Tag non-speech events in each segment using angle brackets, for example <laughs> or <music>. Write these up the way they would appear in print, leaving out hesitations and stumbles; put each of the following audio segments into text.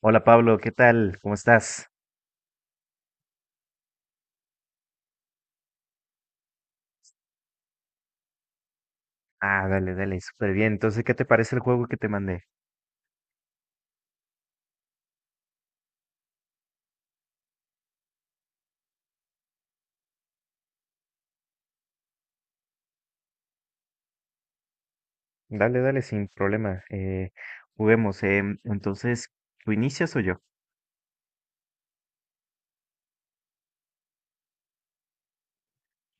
Hola Pablo, ¿qué tal? ¿Cómo estás? Ah, dale, dale, súper bien. Entonces, ¿qué te parece el juego que te mandé? Dale, dale, sin problema. Juguemos. Entonces, ¿tú inicias o yo?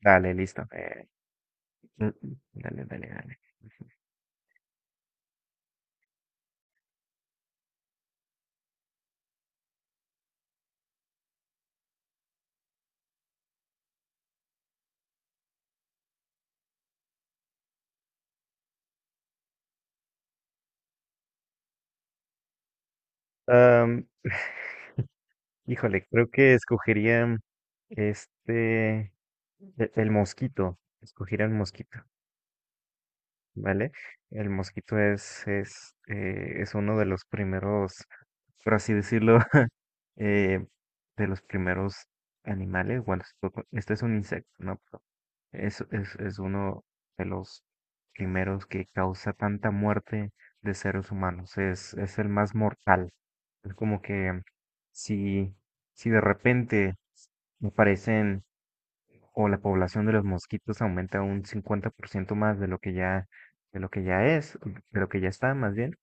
Dale, listo. Dale, dale, dale. Am, Híjole, creo que escogería este, el mosquito. Escogería el mosquito, ¿vale? El mosquito es uno de los primeros, por así decirlo, eh, de los primeros animales. Bueno, esto es un insecto, ¿no? Pero es uno de los primeros que causa tanta muerte de seres humanos. Es el más mortal. Es como que si, si de repente aparecen o la población de los mosquitos aumenta un 50% más de lo que ya, de lo que ya es, de lo que ya está más bien,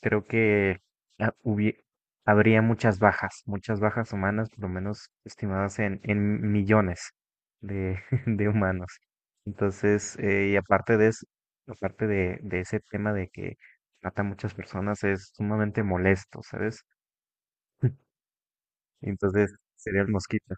creo que ah, hubie- habría muchas bajas humanas, por lo menos estimadas en millones de, <laughs> de humanos. Entonces, y aparte de eso, aparte de ese tema de que mata a muchas personas, es sumamente molesto, ¿sabes? <laughs> Entonces, sería el mosquito.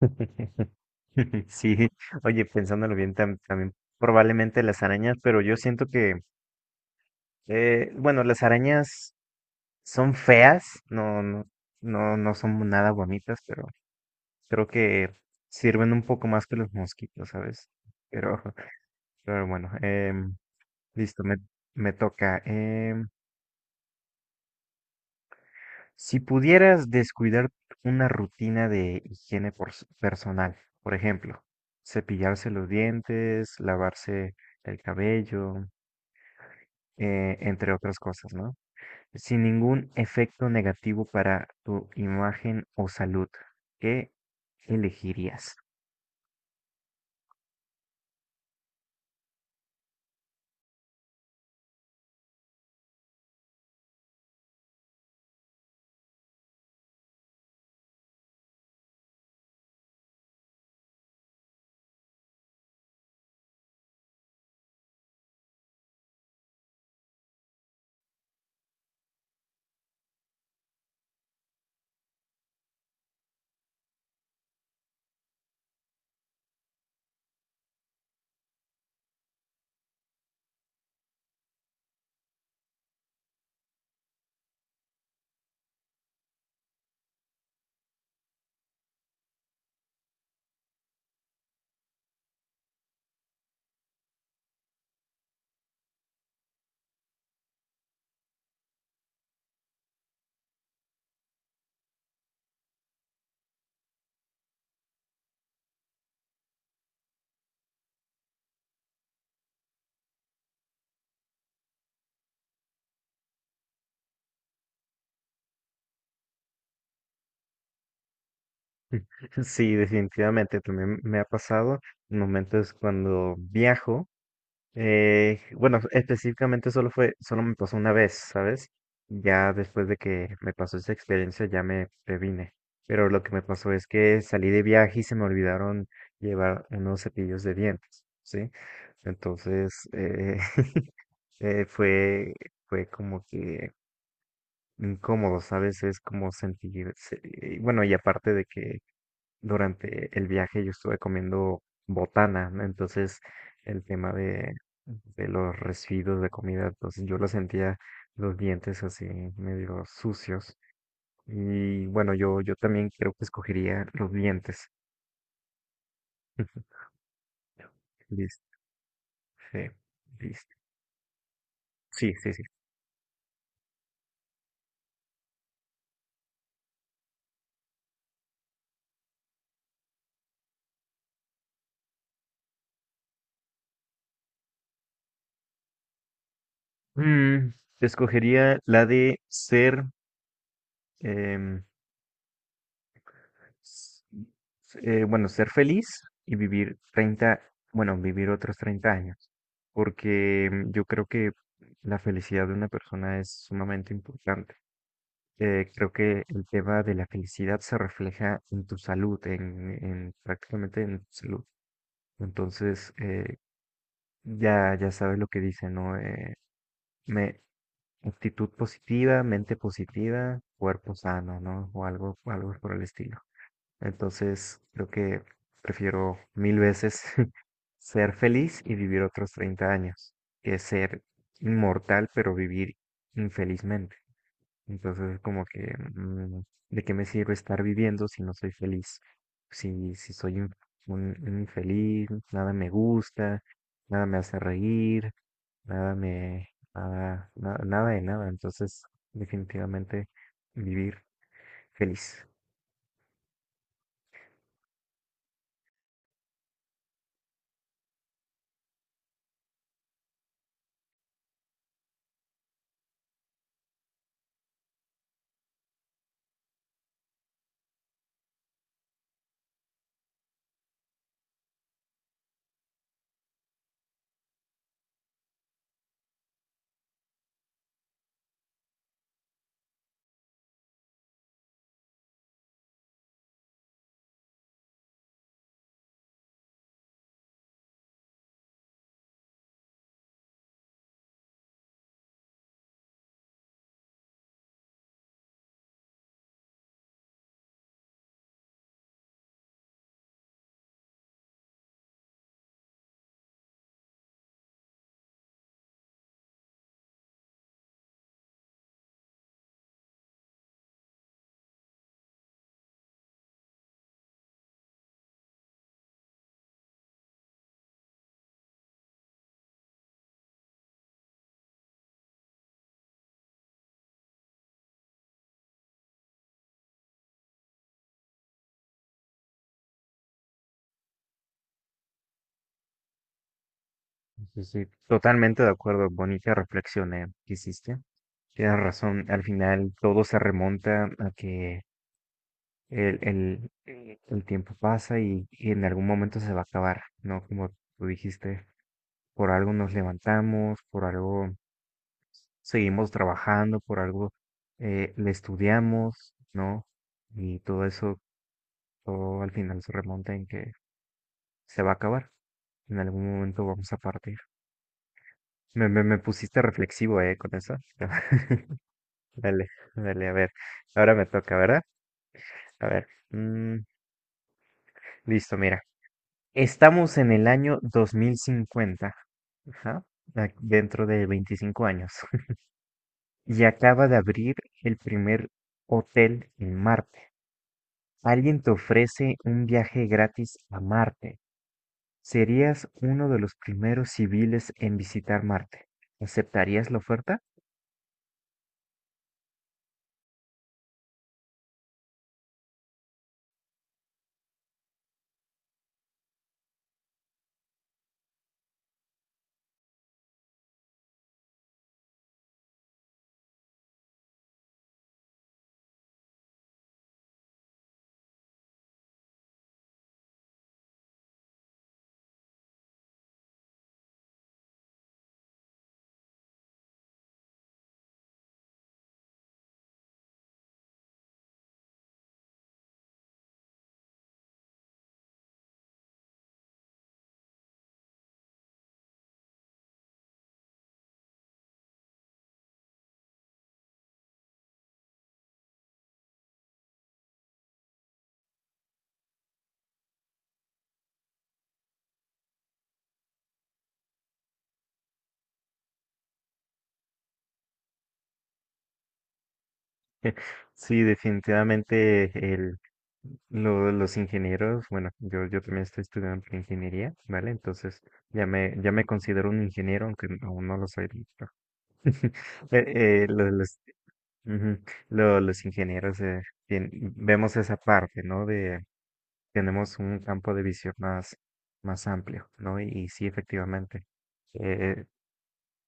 <laughs> <laughs> Sí, oye, pensándolo bien, tam- también probablemente las arañas, pero yo siento que, bueno, las arañas son feas, no, no, no, no son nada bonitas, pero creo que sirven un poco más que los mosquitos, ¿sabes? Pero, <laughs> pero bueno, listo, me toca. Si pudieras descuidar una rutina de higiene personal, por ejemplo, cepillarse los dientes, lavarse el cabello, entre otras cosas, ¿no? Sin ningún efecto negativo para tu imagen o salud. ¿Qué elegirías? <laughs> Sí, definitivamente también me ha pasado en momentos cuando viajo. Bueno, específicamente solo me pasó una vez, ¿sabes? Ya después de que me pasó esa experiencia ya me previne. Pero lo que me pasó es que salí de viaje y se me olvidaron llevar unos cepillos de dientes, ¿sí? Entonces, <laughs> eh, fue, fue como que incómodo, ¿sabes? Es como sentir, se- y bueno, y aparte de que durante el viaje yo estuve comiendo botana, ¿no? Entonces el tema de los residuos de comida, entonces yo lo sentía los dientes así medio sucios. Y bueno, yo también creo que escogería los dientes. <laughs> Listo, sí, listo. Sí, sí, sí. Mm, escogería la de ser, em, s- bueno, ser feliz y vivir 30 bueno, vivir otros 30 años, porque mm, yo creo que la felicidad de una persona es sumamente importante. Creo que el tema de la felicidad se refleja en tu salud, en prácticamente en tu salud. Entonces, ya, ya sabes lo que dice, ¿no? Me, actitud positiva, mente positiva, cuerpo sano, ¿no? O algo, algo por el estilo. Entonces, creo que prefiero mil veces <laughs> ser feliz y vivir otros 30 años que ser inmortal pero vivir infelizmente. Entonces, es como que, mm, ¿de qué me sirve estar viviendo si no soy feliz? Si soy un infeliz, nada me gusta, nada me hace reír, nada me, nada de nada. Entonces, definitivamente vivir feliz. Sí, sí, totalmente de acuerdo. Bonita reflexión que hiciste. Tienes razón. Al final todo se remonta a que el tiempo pasa y en algún momento se va a acabar, ¿no? Como tú dijiste, por algo nos levantamos, por algo seguimos trabajando, por algo le estudiamos, ¿no? Y todo eso, todo al final se remonta en que se va a acabar. En algún momento vamos a partir. Me pusiste reflexivo, con eso. <laughs> Dale, dale, a ver. Ahora me toca, ¿verdad? A ver. Listo, mira. Estamos en el año 2050. Ajá. a- Dentro de 25 años. <laughs> Y acaba de abrir el primer hotel en Marte. Alguien te ofrece un viaje gratis a Marte. Serías uno de los primeros civiles en visitar Marte. ¿Aceptarías la oferta? <laughs> Sí, definitivamente el, los ingenieros, bueno, yo también estoy estudiando ingeniería, ¿vale? Entonces ya me considero un ingeniero, aunque aún no lo soy del todo. <laughs> Eh, eh, lo- los, ujú, los ingenieros vemos esa parte, ¿no? De tenemos un campo de visión más, más amplio, ¿no? Y sí, efectivamente. eh,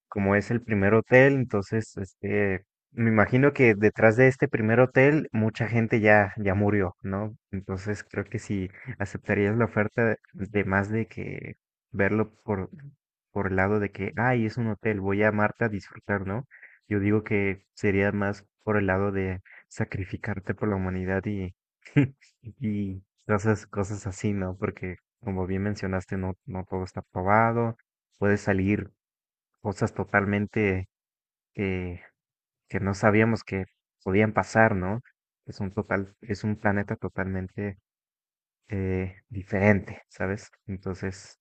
Como es el primer hotel, entonces, este, me imagino que detrás de este primer hotel mucha gente ya murió, ¿no? Entonces creo que si aceptarías la oferta de más de que verlo por el lado de que, ay, es un hotel, voy a amarte a disfrutar, ¿no? Yo digo que sería más por el lado de sacrificarte por la humanidad y cosas, cosas así, ¿no? Porque como bien mencionaste, no, no todo está probado, puede salir cosas totalmente que, que no sabíamos que podían pasar, ¿no? Es un total, es un planeta totalmente diferente, ¿sabes? Entonces,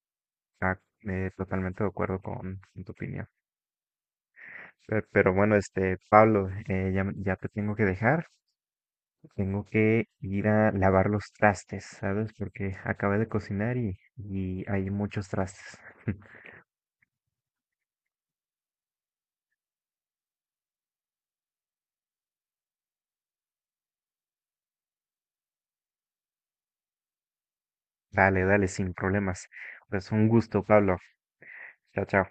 ah, totalmente de acuerdo con tu opinión. Pe- Pero, bueno, este, Pablo, ya, ya te tengo que dejar, tengo que ir a lavar los trastes, ¿sabes? Porque acabé de cocinar y hay muchos trastes. <laughs> Dale, dale, sin problemas. Pues un gusto, Pablo. Chao, chao.